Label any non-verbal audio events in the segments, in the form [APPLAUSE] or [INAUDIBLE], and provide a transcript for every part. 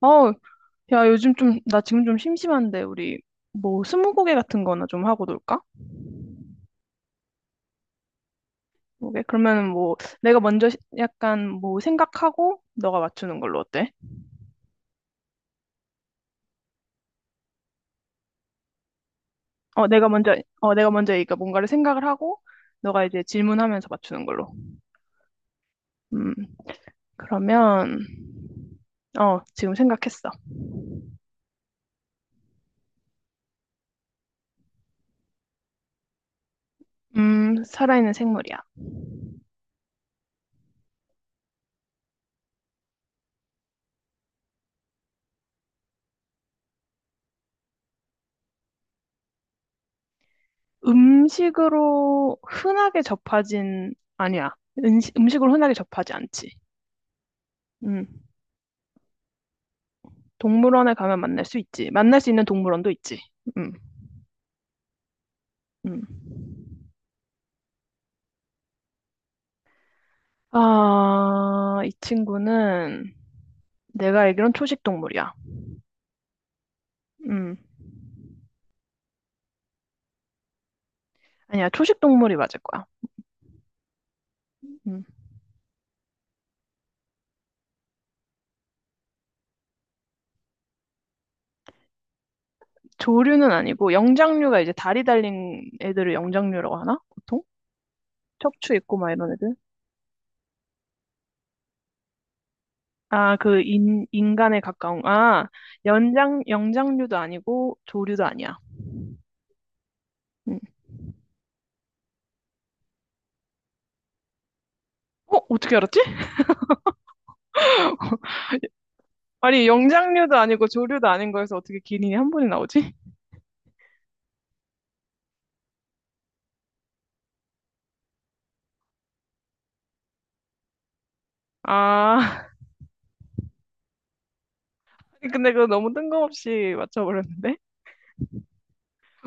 어, 야, 요즘 좀, 나 지금 좀 심심한데, 우리, 뭐, 스무고개 같은 거나 좀 하고 놀까? 오케이? 그러면은 뭐, 내가 먼저 약간 뭐, 생각하고, 너가 맞추는 걸로 어때? 어, 내가 먼저, 어, 내가 먼저 그러니까 뭔가를 생각을 하고, 너가 이제 질문하면서 맞추는 걸로. 음, 그러면, 어, 지금 생각했어. 살아있는 생물이야. 음식으로 흔하게 접하진, 아니야. 음식으로 흔하게 접하지 않지. 음. 동물원에 가면 만날 수 있지. 만날 수 있는 동물원도 있지. 음, 음. 아, 이 친구는 내가 알기론 초식 동물이야. 음, 아니야, 초식 동물이 맞을 거야. 음. 조류는 아니고 영장류가 이제 다리 달린 애들을 영장류라고 하나? 보통? 척추 있고 막 이런 애들? 아, 그 인간에 가까운, 아, 영장류도 아니고 조류도 아니야. 음. 어? 어떻게 알았지? 아니, 영장류도 아니고 조류도 아닌 거에서 어떻게 기린이 한 번이 나오지? 아, 근데 그거 너무 뜬금없이 맞춰버렸는데?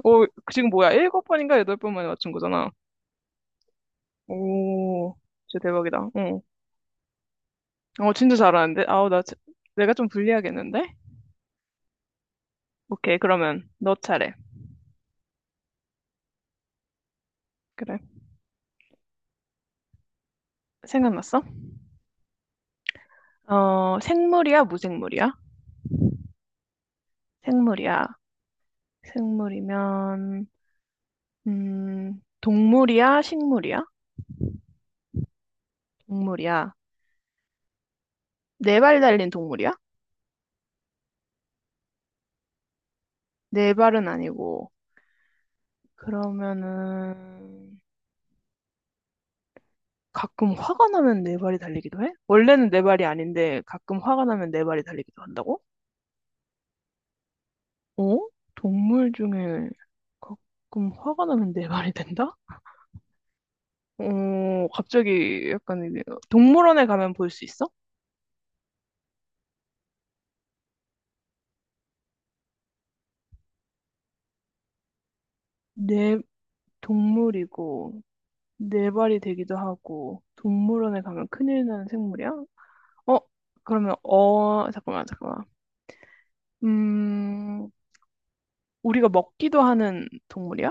오, 지금 뭐야? 일곱 번인가 여덟 번 만에 맞춘 거잖아. 오, 진짜 대박이다. 응. 어, 진짜 잘하는데? 아우, 나, 내가 좀 불리하겠는데? 오케이, 그러면 너 차례. 그래. 생각났어? 어, 생물이야, 무생물이야? 생물이야. 생물이면, 동물이야, 식물이야? 동물이야. 네 발 달린 동물이야? 네 발은 아니고. 그러면은, 가끔 화가 나면 네 발이 달리기도 해? 원래는 네 발이 아닌데 가끔 화가 나면 네 발이 달리기도 한다고? 어? 동물 중에 가끔 화가 나면 네 발이 된다? 어, 갑자기 약간 이게 동물원에 가면 볼 수 있어? 네 동물이고 네 발이 되기도 하고 동물원에 가면 큰일 나는 생물이야? 어? 그러면 어 잠깐만 잠깐만 음 우리가 먹기도 하는 동물이야?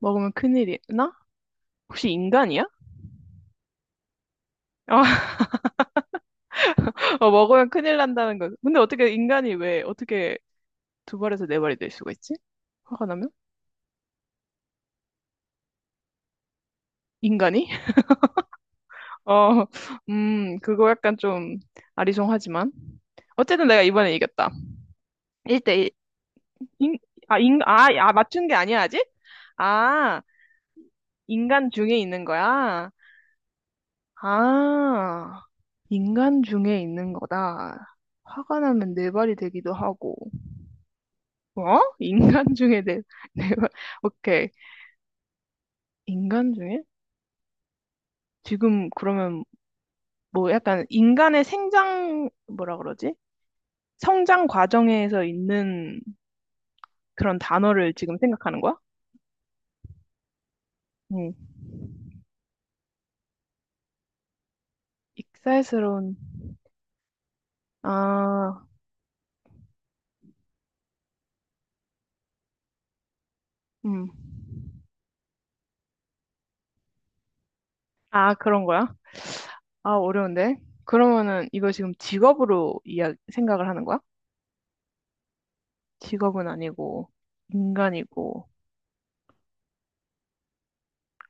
먹으면 큰일이 나? 혹시 인간이야? 아, 어, 먹으면 큰일 난다는 거. 근데 어떻게 인간이 왜 어떻게 두 발에서 네 발이 될 수가 있지? 화가 나면? 인간이? [LAUGHS] 어, 그거 약간 좀 아리송하지만. 어쨌든 내가 이번에 이겼다. 1대1. 인, 맞춘 게 아니야, 아직? 아, 인간 중에 있는 거야? 아, 인간 중에 있는 거다. 화가 나면 네 발이 되기도 하고. 어? 인간 중에 네, 네 발. 오케이. 인간 중에? 지금 그러면 뭐 약간 인간의 생장, 뭐라 그러지? 성장 과정에서 있는 그런 단어를 지금 생각하는 거야? 응. 익살스러운, 아, 음. 아, 그런 거야? 아, 어려운데? 그러면은 이거 지금 직업으로 이야, 생각을 하는 거야? 직업은 아니고, 인간이고,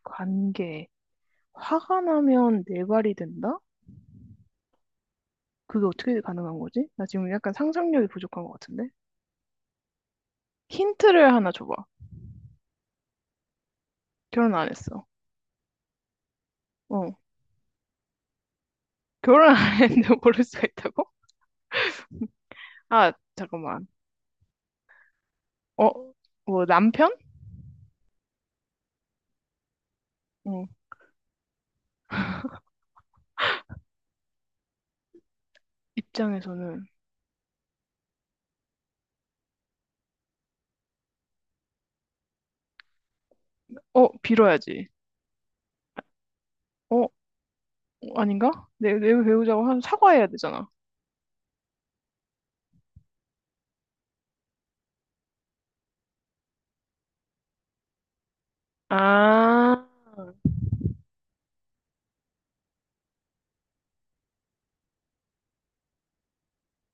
관계. 화가 나면 네 발이 된다? 그게 어떻게 가능한 거지? 나 지금 약간 상상력이 부족한 것 같은데? 힌트를 하나 줘봐. 결혼 안 했어. 어. 결혼 안 했는데 [LAUGHS] 모를 수가 있다고? 아, 잠깐만. 어, 뭐 남편? 어, 입장에서는 어, 빌어야지. 어, 아닌가? 내, 내 배우자고 한 사과해야 되잖아. 아,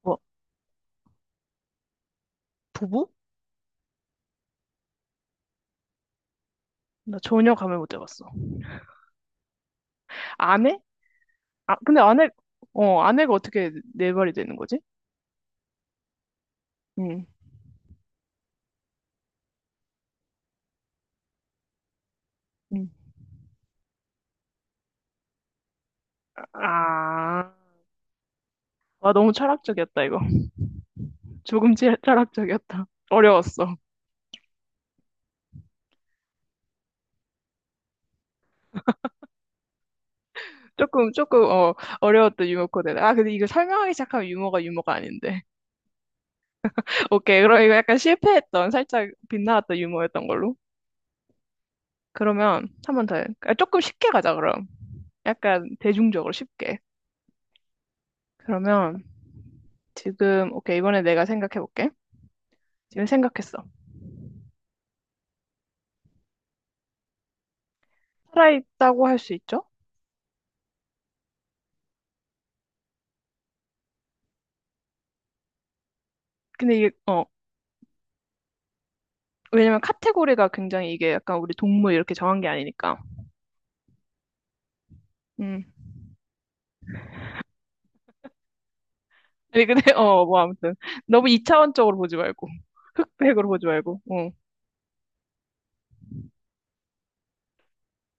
뭐 부부? 나 전혀 감을 못 잡았어. 아내? 아, 근데 아내, 어, 아내가 어떻게 내 말이 되는 거지? 응, 응. 아, 와, 너무 철학적이었다, 이거. 조금 철학적이었다. 어려웠어. 조금, 조금, 어, 어려웠던 유머 코드. 아, 근데 이거 설명하기 시작하면 유머가 아닌데. 오케이. 그럼 이거 약간 실패했던, 살짝 빗나갔던 유머였던 걸로. 그러면 한 번 더. 해. 아, 조금 쉽게 가자, 그럼. 약간 대중적으로 쉽게. 그러면 지금, 오케이. 이번에 내가 생각해볼게. 지금 생각했어. 살아있다고 할 수 있죠? 근데 이게, 어, 왜냐면 카테고리가 굉장히 이게 약간 우리 동물 이렇게 정한 게 아니니까. 음. 아니, 근데, [LAUGHS] 어, 뭐 아무튼. 너무 이차원적으로 보지 말고. 흑백으로 보지 말고. 어.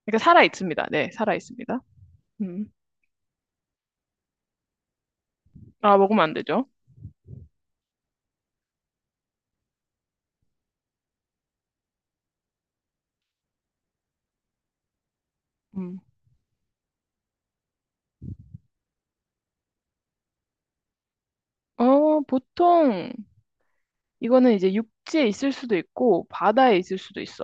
그러니까 살아있습니다. 네, 살아있습니다. 음. 아, 먹으면 안 되죠? 음. 어, 보통 이거는 이제 육지에 있을 수도 있고 바다에 있을 수도 있어.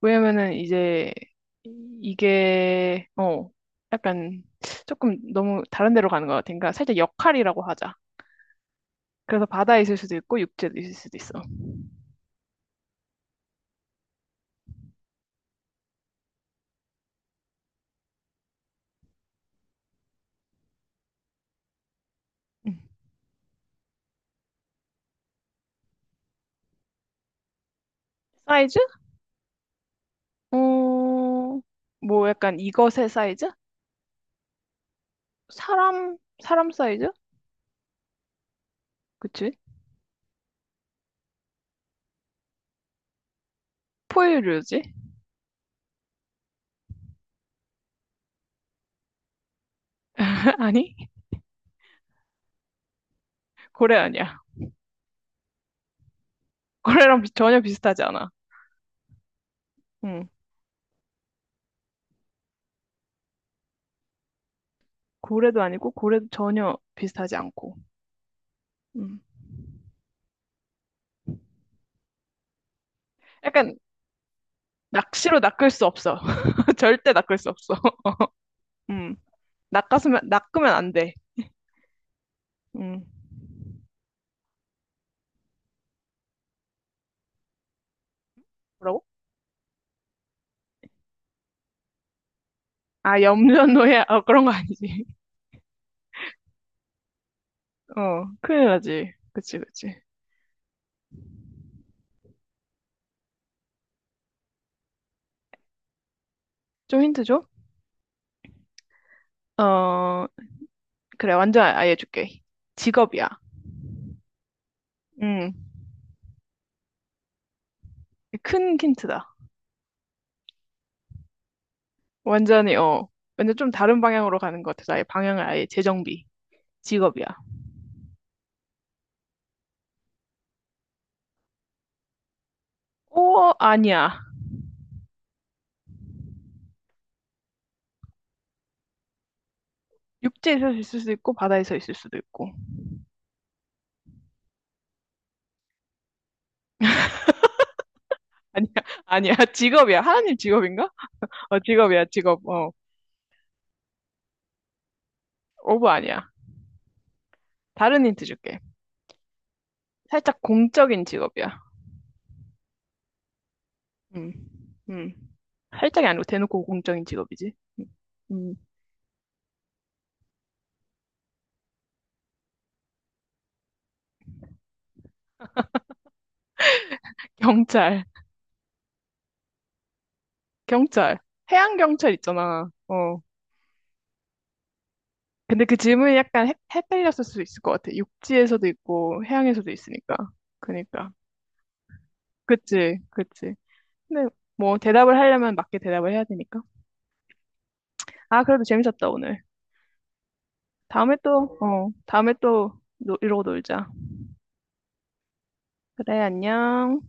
왜냐면은 이제 이게 어 약간 조금 너무 다른 데로 가는 것 같으니까 살짝 역할이라고 하자. 그래서 바다에 있을 수도 있고 육지에 있을 수도 있어. 음. 사이즈? 어, 뭐 약간 이것의 사이즈? 사람 사람 사이즈? 그치? 포유류지? [LAUGHS] 아니 고래 아니야. 고래랑 전혀 비슷하지 않아. 응. 고래도 아니고 고래도 전혀 비슷하지 않고. 음. 약간 낚시로 낚을 수 없어. [LAUGHS] 절대 낚을 수 없어. [LAUGHS] 음. 낚았으면, 낚으면 안 돼. 음. 뭐라고? 아, 염전노예? 어, 그런 거 아니지. [LAUGHS] 어, 큰일 나지. 그치, 그치. 좀 힌트 줘? 어, 그래, 완전 아예 줄게. 직업이야. 음, 큰 힌트다. 완전히, 어, 완전 좀 다른 방향으로 가는 것 같아서 아예 방향을 아예 재정비. 직업이야. 오, 아니야. 육지에서 있을 수도 있고, 바다에서 있을 수도 있고. [LAUGHS] 아니야, 아니야. 직업이야. 하나님 직업인가? 어, 직업이야, 직업. 어, 오브 아니야. 다른 힌트 줄게. 살짝 공적인 직업이야. 음, 음. 살짝이 아니고 대놓고 공적인 직업이지. 음, 음. 경찰, 경찰. 해양 경찰 있잖아. 어. 근데 그 질문이 약간 헷갈렸을 수도 있을 것 같아. 육지에서도 있고 해양에서도 있으니까. 그니까. 그치, 그치. 근데 뭐 대답을 하려면 맞게 대답을 해야 되니까. 아, 그래도 재밌었다, 오늘. 다음에 또, 어, 다음에 또 이러고 놀자. 그래, 안녕.